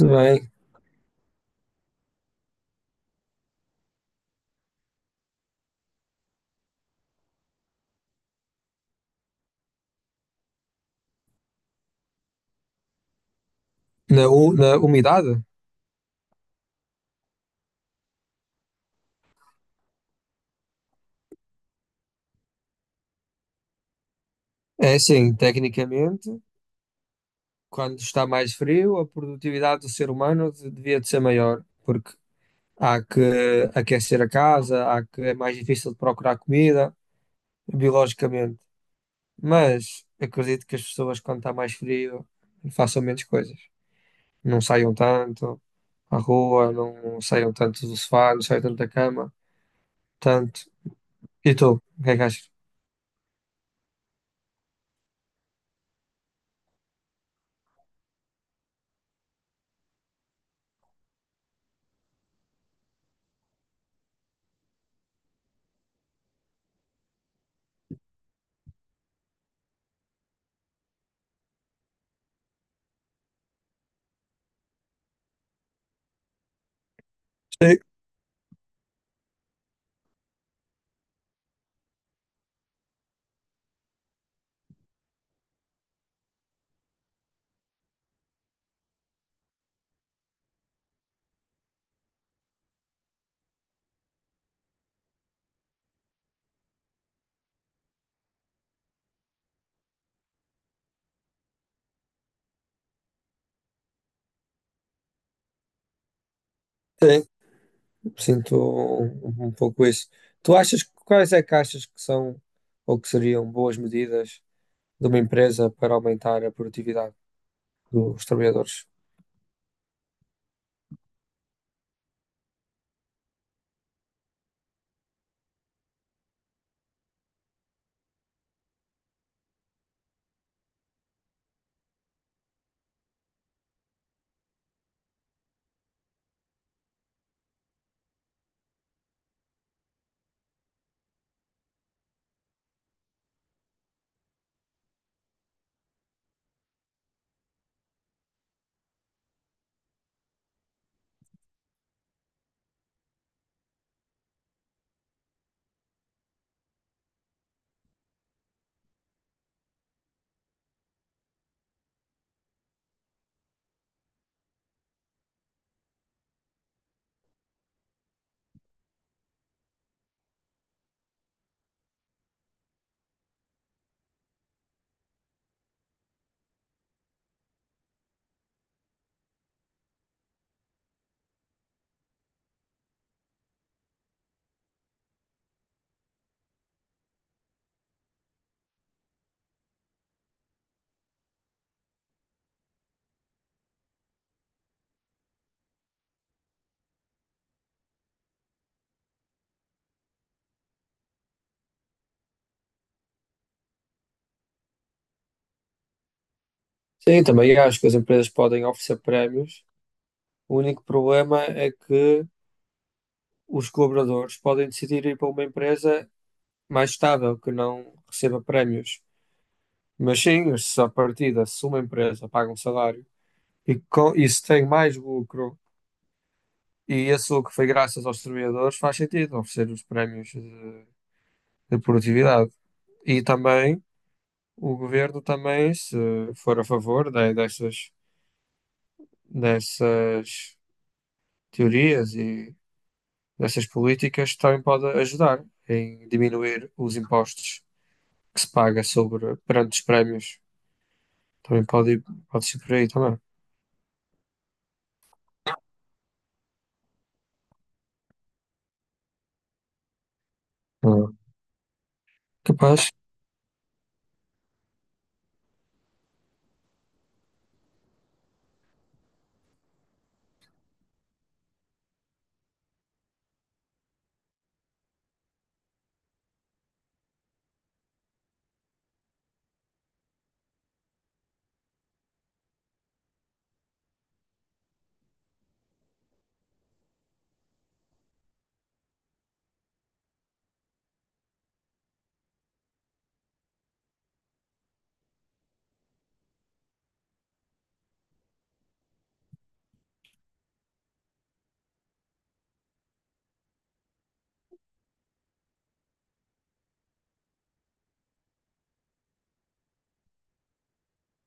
Muito bem. Na umidade? É assim, tecnicamente, quando está mais frio, a produtividade do ser humano devia de ser maior, porque há que aquecer a casa, há que é mais difícil de procurar comida, biologicamente. Mas acredito que as pessoas, quando está mais frio, façam menos coisas. Não saiam tanto à rua, não saiam tanto do sofá, não saiam tanto da cama. Tanto. E tu, o que é que achas? Sim. Sim. Sinto um pouco isso. Tu achas quais é que achas que são ou que seriam boas medidas de uma empresa para aumentar a produtividade dos trabalhadores? Sim, também acho que as empresas podem oferecer prémios. O único problema é que os colaboradores podem decidir ir para uma empresa mais estável, que não receba prémios. Mas sim, se à partida, se uma empresa paga um salário. E se tem mais lucro, e esse lucro foi graças aos trabalhadores, faz sentido oferecer os prémios de produtividade. E também o governo também, se for a favor dessas teorias e dessas políticas, também pode ajudar em diminuir os impostos que se paga sobre perante os prémios. Também pode, pode ser por aí também. Ah. Capaz.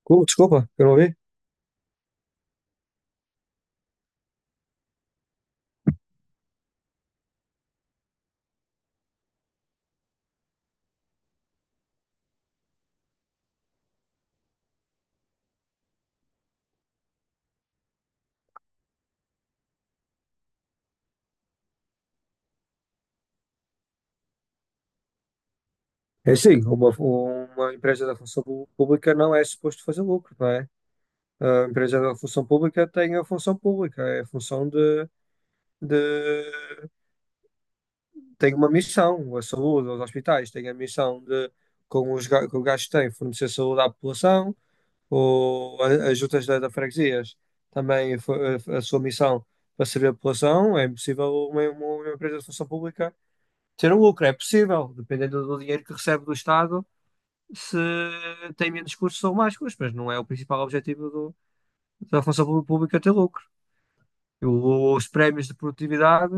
Oh, desculpa, eu não ouvi. É sim, uma empresa da função pública não é suposto fazer lucro, não é? A empresa da função pública tem a função pública, é a função de- tem uma missão, a saúde, os hospitais têm a missão de, com o gasto que têm, fornecer saúde à população, ou as juntas da freguesias também a sua missão para servir a população, é impossível uma empresa de função pública ter um lucro, é possível, dependendo do dinheiro que recebe do Estado se tem menos custos ou mais custos, mas não é o principal objetivo da função pública ter lucro. Os prémios de produtividade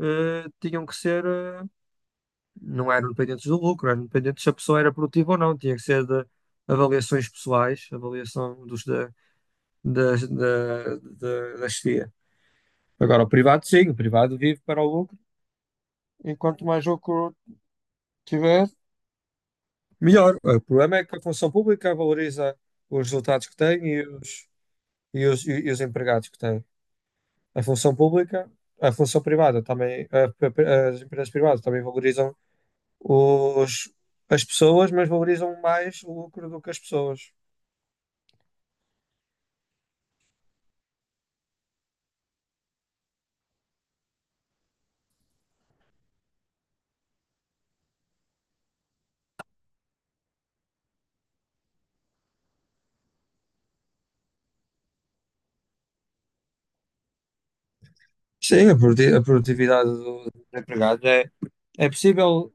tinham que ser, não eram dependentes do lucro, eram dependentes se a pessoa era produtiva ou não, tinha que ser de avaliações pessoais, avaliação dos da, das- da, da, da chefia. Agora, o privado, sim, o privado vive para o lucro, enquanto mais lucro tiver, melhor. O problema é que a função pública valoriza os resultados que tem e os empregados que têm. A função pública, a função privada também, as empresas privadas também valorizam os, as pessoas, mas valorizam mais o lucro do que as pessoas. Sim, a produtividade dos empregados é possível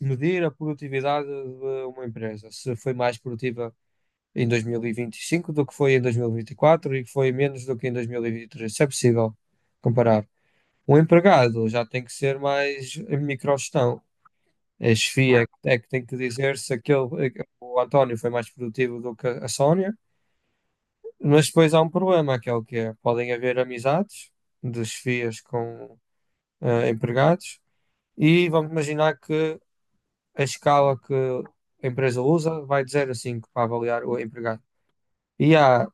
medir a produtividade de uma empresa, se foi mais produtiva em 2025 do que foi em 2024 e vinte e quatro e que foi menos do que em 2023. Isso é possível comparar. Um empregado já tem que ser mais microgestão. A chefia é que tem que dizer se aquele, o António foi mais produtivo do que a Sónia, mas depois há um problema, que é o que é, podem haver amizades de chefias com empregados e vamos imaginar que a escala que a empresa usa vai de 0 a 5 para avaliar o empregado. E há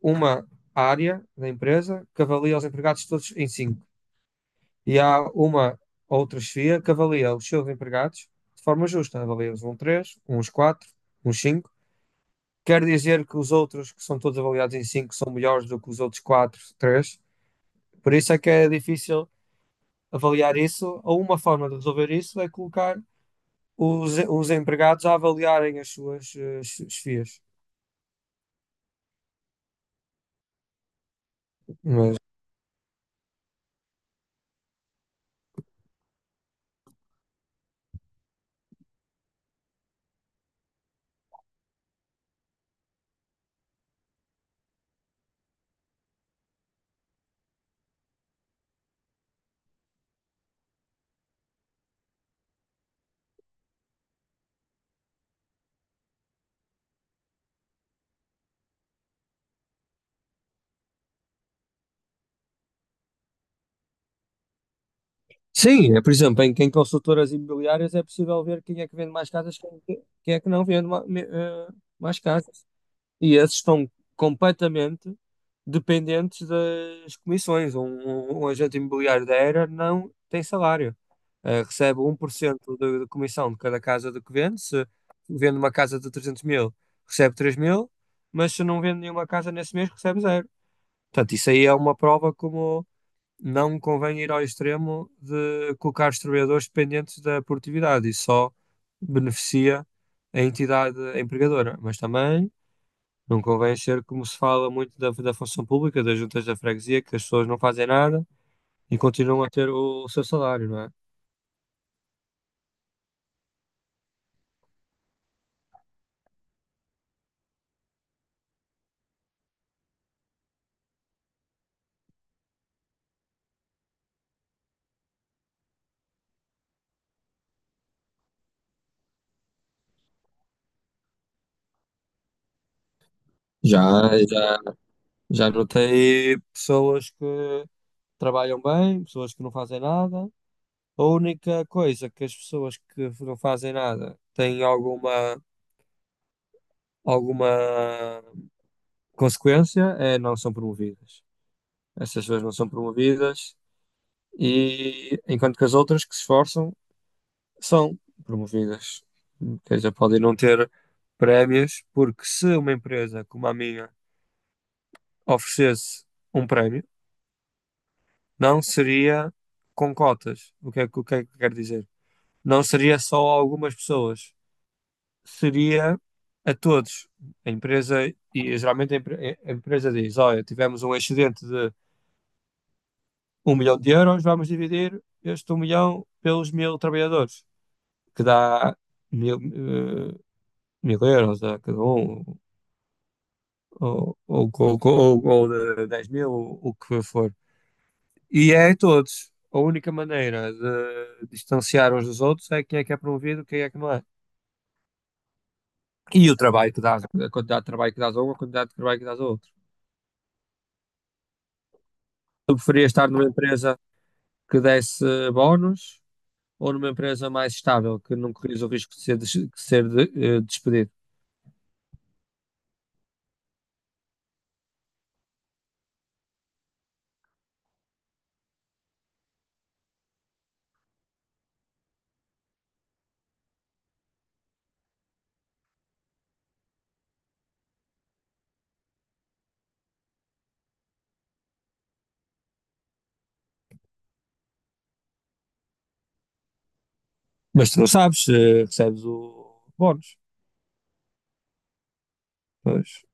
uma área da empresa que avalia os empregados todos em cinco. E há uma outra chefia que avalia os seus empregados de forma justa. Avalia uns um 3 uns 4 uns cinco. Quer dizer que os outros, que são todos avaliados em 5 são melhores do que os outros 4, 3. Por isso é que é difícil avaliar isso, ou uma forma de resolver isso é colocar os empregados a avaliarem as suas chefias. Mas, sim, é, por exemplo, em consultoras imobiliárias é possível ver quem é que vende mais casas, quem é que não vende mais casas. E esses estão completamente dependentes das comissões. Um agente imobiliário da Era não tem salário. Recebe 1% de, da da comissão de cada casa de que vende. Se vende uma casa de 300.000, recebe 3.000, mas se não vende nenhuma casa nesse mês, recebe zero. Portanto, isso aí é uma prova como não convém ir ao extremo de colocar os trabalhadores dependentes da produtividade. Isso só beneficia a entidade empregadora, mas também não convém ser como se fala muito da função pública, das juntas da freguesia, que as pessoas não fazem nada e continuam a ter o seu salário, não é? Já, já, já notei pessoas que trabalham bem, pessoas que não fazem nada. A única coisa que as pessoas que não fazem nada têm alguma consequência é não são promovidas. Essas pessoas não são promovidas e enquanto que as outras que se esforçam são promovidas. Ou seja, podem não ter prémios, porque se uma empresa como a minha oferecesse um prémio, não seria com cotas. O que é que quero dizer? Não seria só a algumas pessoas, seria a todos. A empresa, e geralmente a empresa diz: olha, tivemos um excedente de um milhão de euros, vamos dividir este um milhão pelos mil trabalhadores, que dá mil, eh, mil euros a cada um, ou de 10.000, ou o que for. E é a todos. A única maneira de distanciar uns dos outros é quem é que é promovido, quem é que não é. E o trabalho que dás, a quantidade de trabalho que dás a um, a quantidade de trabalho que dás a outro. Eu preferia estar numa empresa que desse bónus ou numa empresa mais estável, que não corrias o risco de ser despedido. Mas tu não sabes, recebes o bónus. Pois,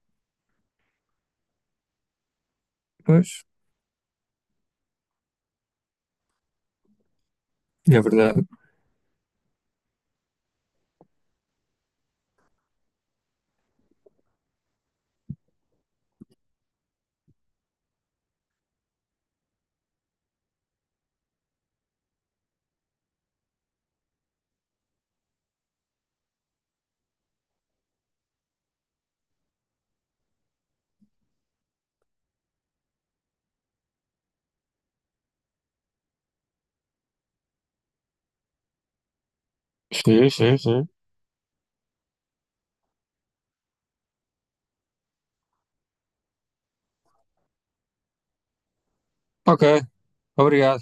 pois. É verdade. Sim, sim, sim. Ok, obrigado.